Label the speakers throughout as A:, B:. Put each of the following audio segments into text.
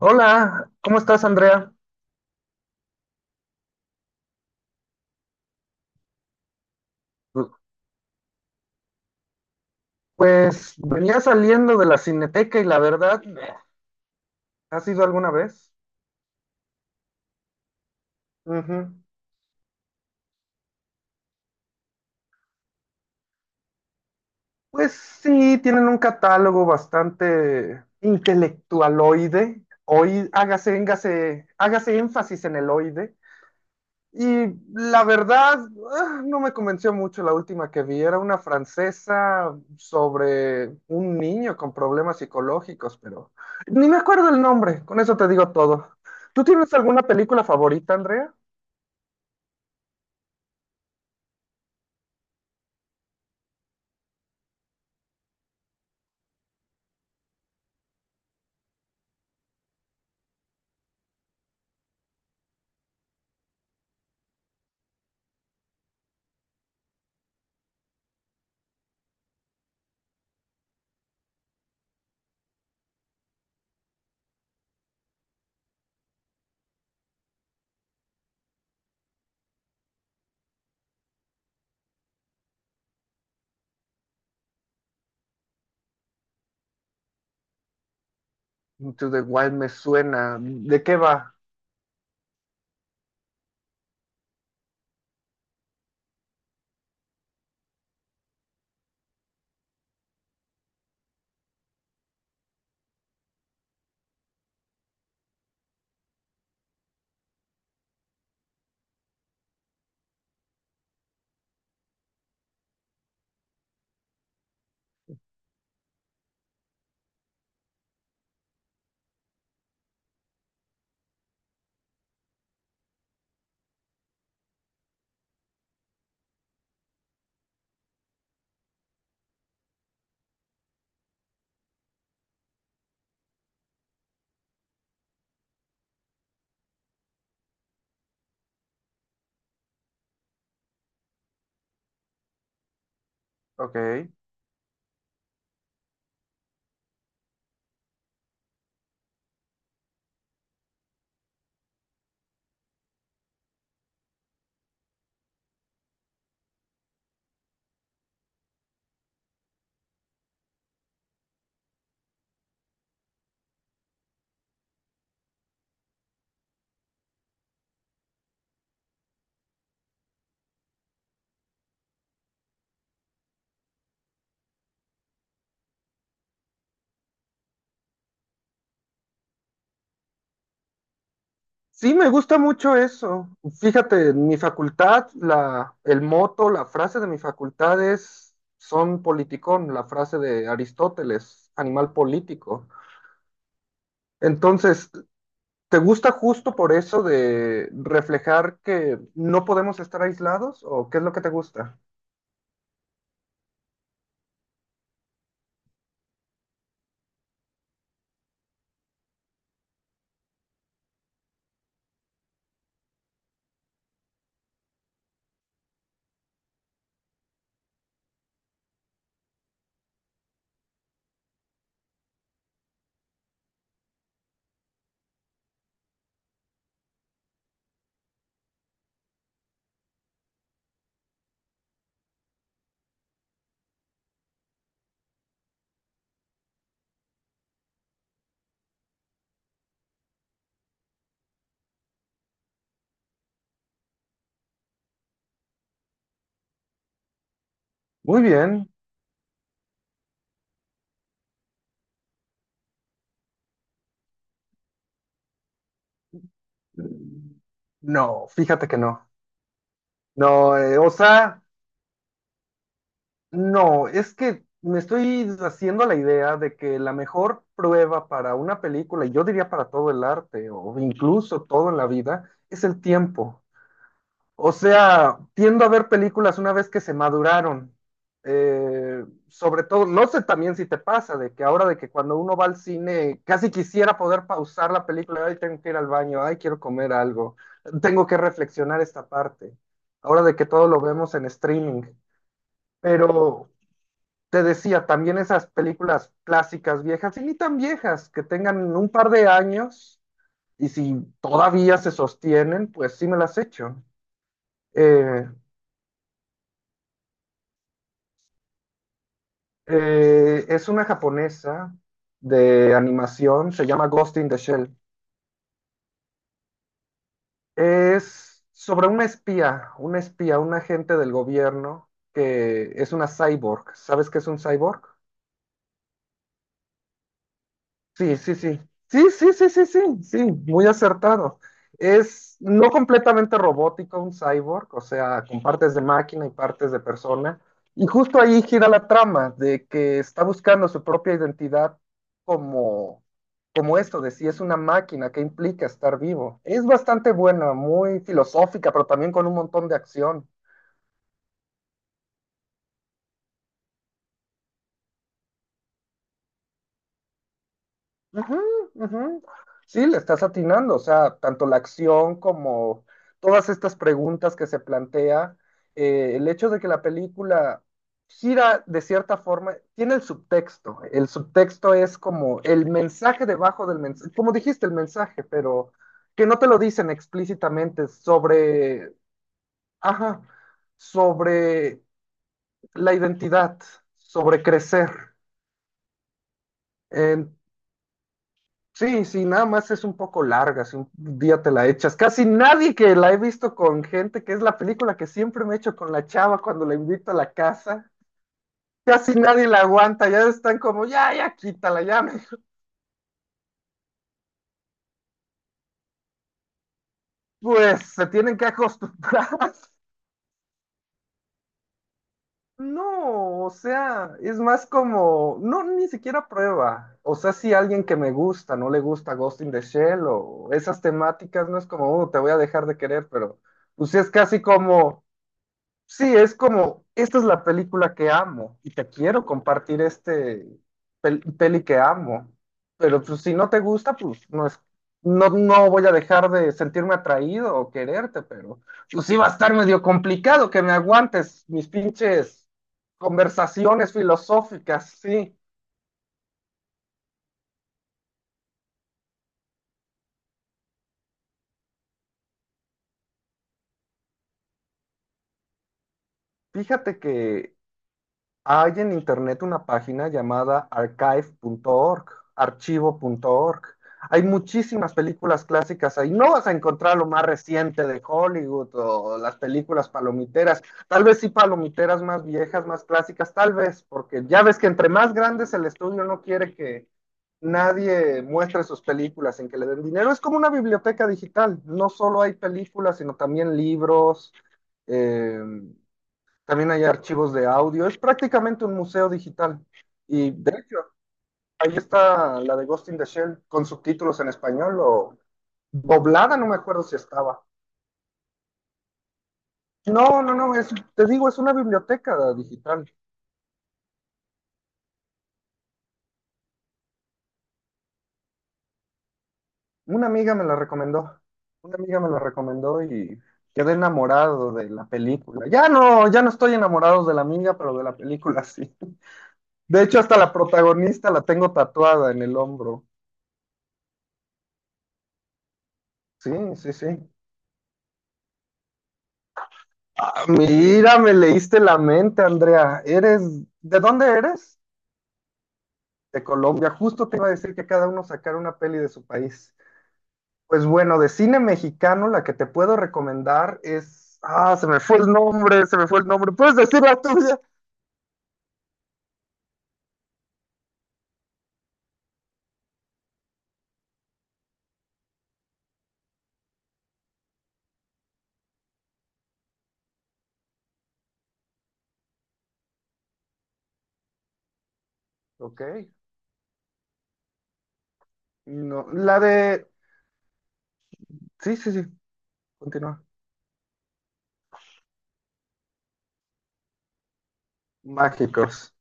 A: Hola, ¿cómo estás, Andrea? Pues venía saliendo de la Cineteca y la verdad, ¿has ido alguna vez? Ujú. Pues sí, tienen un catálogo bastante intelectualoide. Hoy hágase énfasis en el oide. Y la verdad, no me convenció mucho la última que vi. Era una francesa sobre un niño con problemas psicológicos, pero ni me acuerdo el nombre. Con eso te digo todo. ¿Tú tienes alguna película favorita, Andrea? Into the Wild me suena. ¿De qué va? Ok. Sí, me gusta mucho eso. Fíjate, en mi facultad, la frase de mi facultad es, son politicón, la frase de Aristóteles, animal político. Entonces, ¿te gusta justo por eso de reflejar que no podemos estar aislados o qué es lo que te gusta? Muy bien. No, fíjate que no. No, o sea, no, es que me estoy haciendo la idea de que la mejor prueba para una película, y yo diría para todo el arte o incluso todo en la vida, es el tiempo. O sea, tiendo a ver películas una vez que se maduraron. Sobre todo, no sé también si te pasa, de que ahora de que cuando uno va al cine, casi quisiera poder pausar la película, ay, tengo que ir al baño, ay, quiero comer algo, tengo que reflexionar esta parte. Ahora de que todo lo vemos en streaming. Pero te decía, también esas películas clásicas viejas, y ni tan viejas, que tengan un par de años, y si todavía se sostienen, pues sí me las echo. Eh, es una japonesa de animación, se llama Ghost in the Shell. Es sobre un espía, un agente del gobierno que es una cyborg. ¿Sabes qué es un cyborg? Sí, sí, sí. Sí, sí, sí, sí, sí, sí, muy acertado. Es no completamente robótico un cyborg, o sea, con partes de máquina y partes de persona. Y justo ahí gira la trama de que está buscando su propia identidad como, como esto, de si es una máquina, qué implica estar vivo. Es bastante buena, muy filosófica, pero también con un montón de acción. Ujú, ujú. Sí, le estás atinando, o sea, tanto la acción como todas estas preguntas que se plantea, el hecho de que la película gira de cierta forma, tiene el subtexto es como el mensaje debajo del mensaje, como dijiste, el mensaje, pero que no te lo dicen explícitamente sobre, ajá, sobre la identidad, sobre crecer. Sí, sí, nada más es un poco larga, si un día te la echas. Casi nadie que la he visto con gente, que es la película que siempre me echo con la chava cuando la invito a la casa, casi nadie la aguanta, ya están como, ya, ya quítala, ya. me-". Pues se tienen que acostumbrar. No, o sea, es más como, no, ni siquiera prueba. O sea, si alguien que me gusta no le gusta Ghost in the Shell o esas temáticas, no es como, te voy a dejar de querer, pero pues sí es casi como. Sí, es como, esta es la película que amo y te quiero compartir este peli que amo, pero pues si no te gusta, pues no es, no, no voy a dejar de sentirme atraído o quererte, pero pues sí va a estar medio complicado que me aguantes mis pinches conversaciones filosóficas, sí. Fíjate que hay en internet una página llamada archivo.org. Hay muchísimas películas clásicas ahí. No vas a encontrar lo más reciente de Hollywood o las películas palomiteras. Tal vez sí palomiteras más viejas, más clásicas, tal vez, porque ya ves que entre más grande es el estudio, no quiere que nadie muestre sus películas sin que le den dinero. Es como una biblioteca digital. No solo hay películas, sino también libros. eh, También hay archivos de audio. Es prácticamente un museo digital. Y de hecho, ahí está la de Ghost in the Shell con subtítulos en español o doblada, no me acuerdo si estaba. No, no, no, es, te digo, es una biblioteca digital. Una amiga me la recomendó. Una amiga me la recomendó y quedé enamorado de la película. Ya no, ya no estoy enamorado de la amiga, pero de la película sí. De hecho, hasta la protagonista la tengo tatuada en el hombro. Sí, sí, sí. Mira, me leíste la mente, Andrea. ¿Eres de dónde eres? De Colombia. Justo te iba a decir que cada uno sacara una peli de su país. Pues bueno, de cine mexicano la que te puedo recomendar es ah, se me fue el nombre, se me fue el nombre. ¿Puedes decir la tuya? Ok. No, la de sí, sí, sí. Continúa. Mágicos.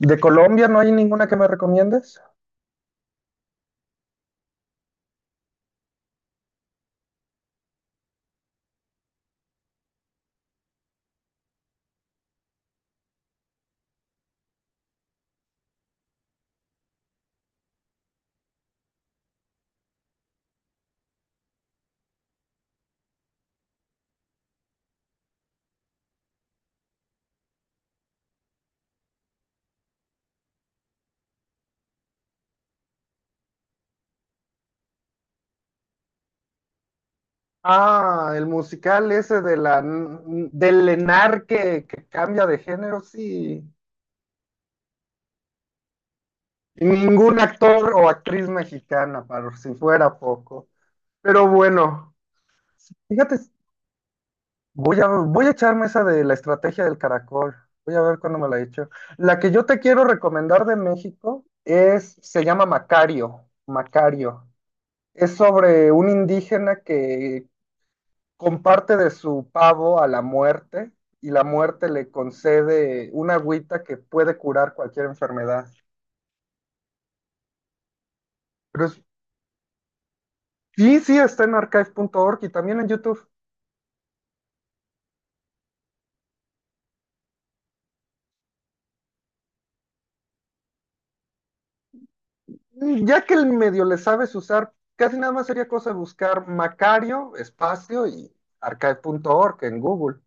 A: ¿De Colombia no hay ninguna que me recomiendes? Ah, el musical ese de la del Lenar que cambia de género, sí. Y ningún actor o actriz mexicana, para si fuera poco. Pero bueno, fíjate, voy a echarme esa de la estrategia del caracol. Voy a ver cuándo me la he hecho. La que yo te quiero recomendar de México es, se llama Macario. Macario. Es sobre un indígena que comparte de su pavo a la muerte y la muerte le concede una agüita que puede curar cualquier enfermedad. Pero es- sí, sí, está en archive.org y también en YouTube. Ya que el medio le sabes usar, casi nada más sería cosa de buscar Macario, espacio y archive.org en Google.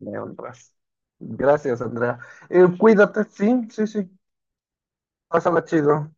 A: Me honras. Gracias, Andrea. Cuídate, sí, sí, sí. Pásala chido.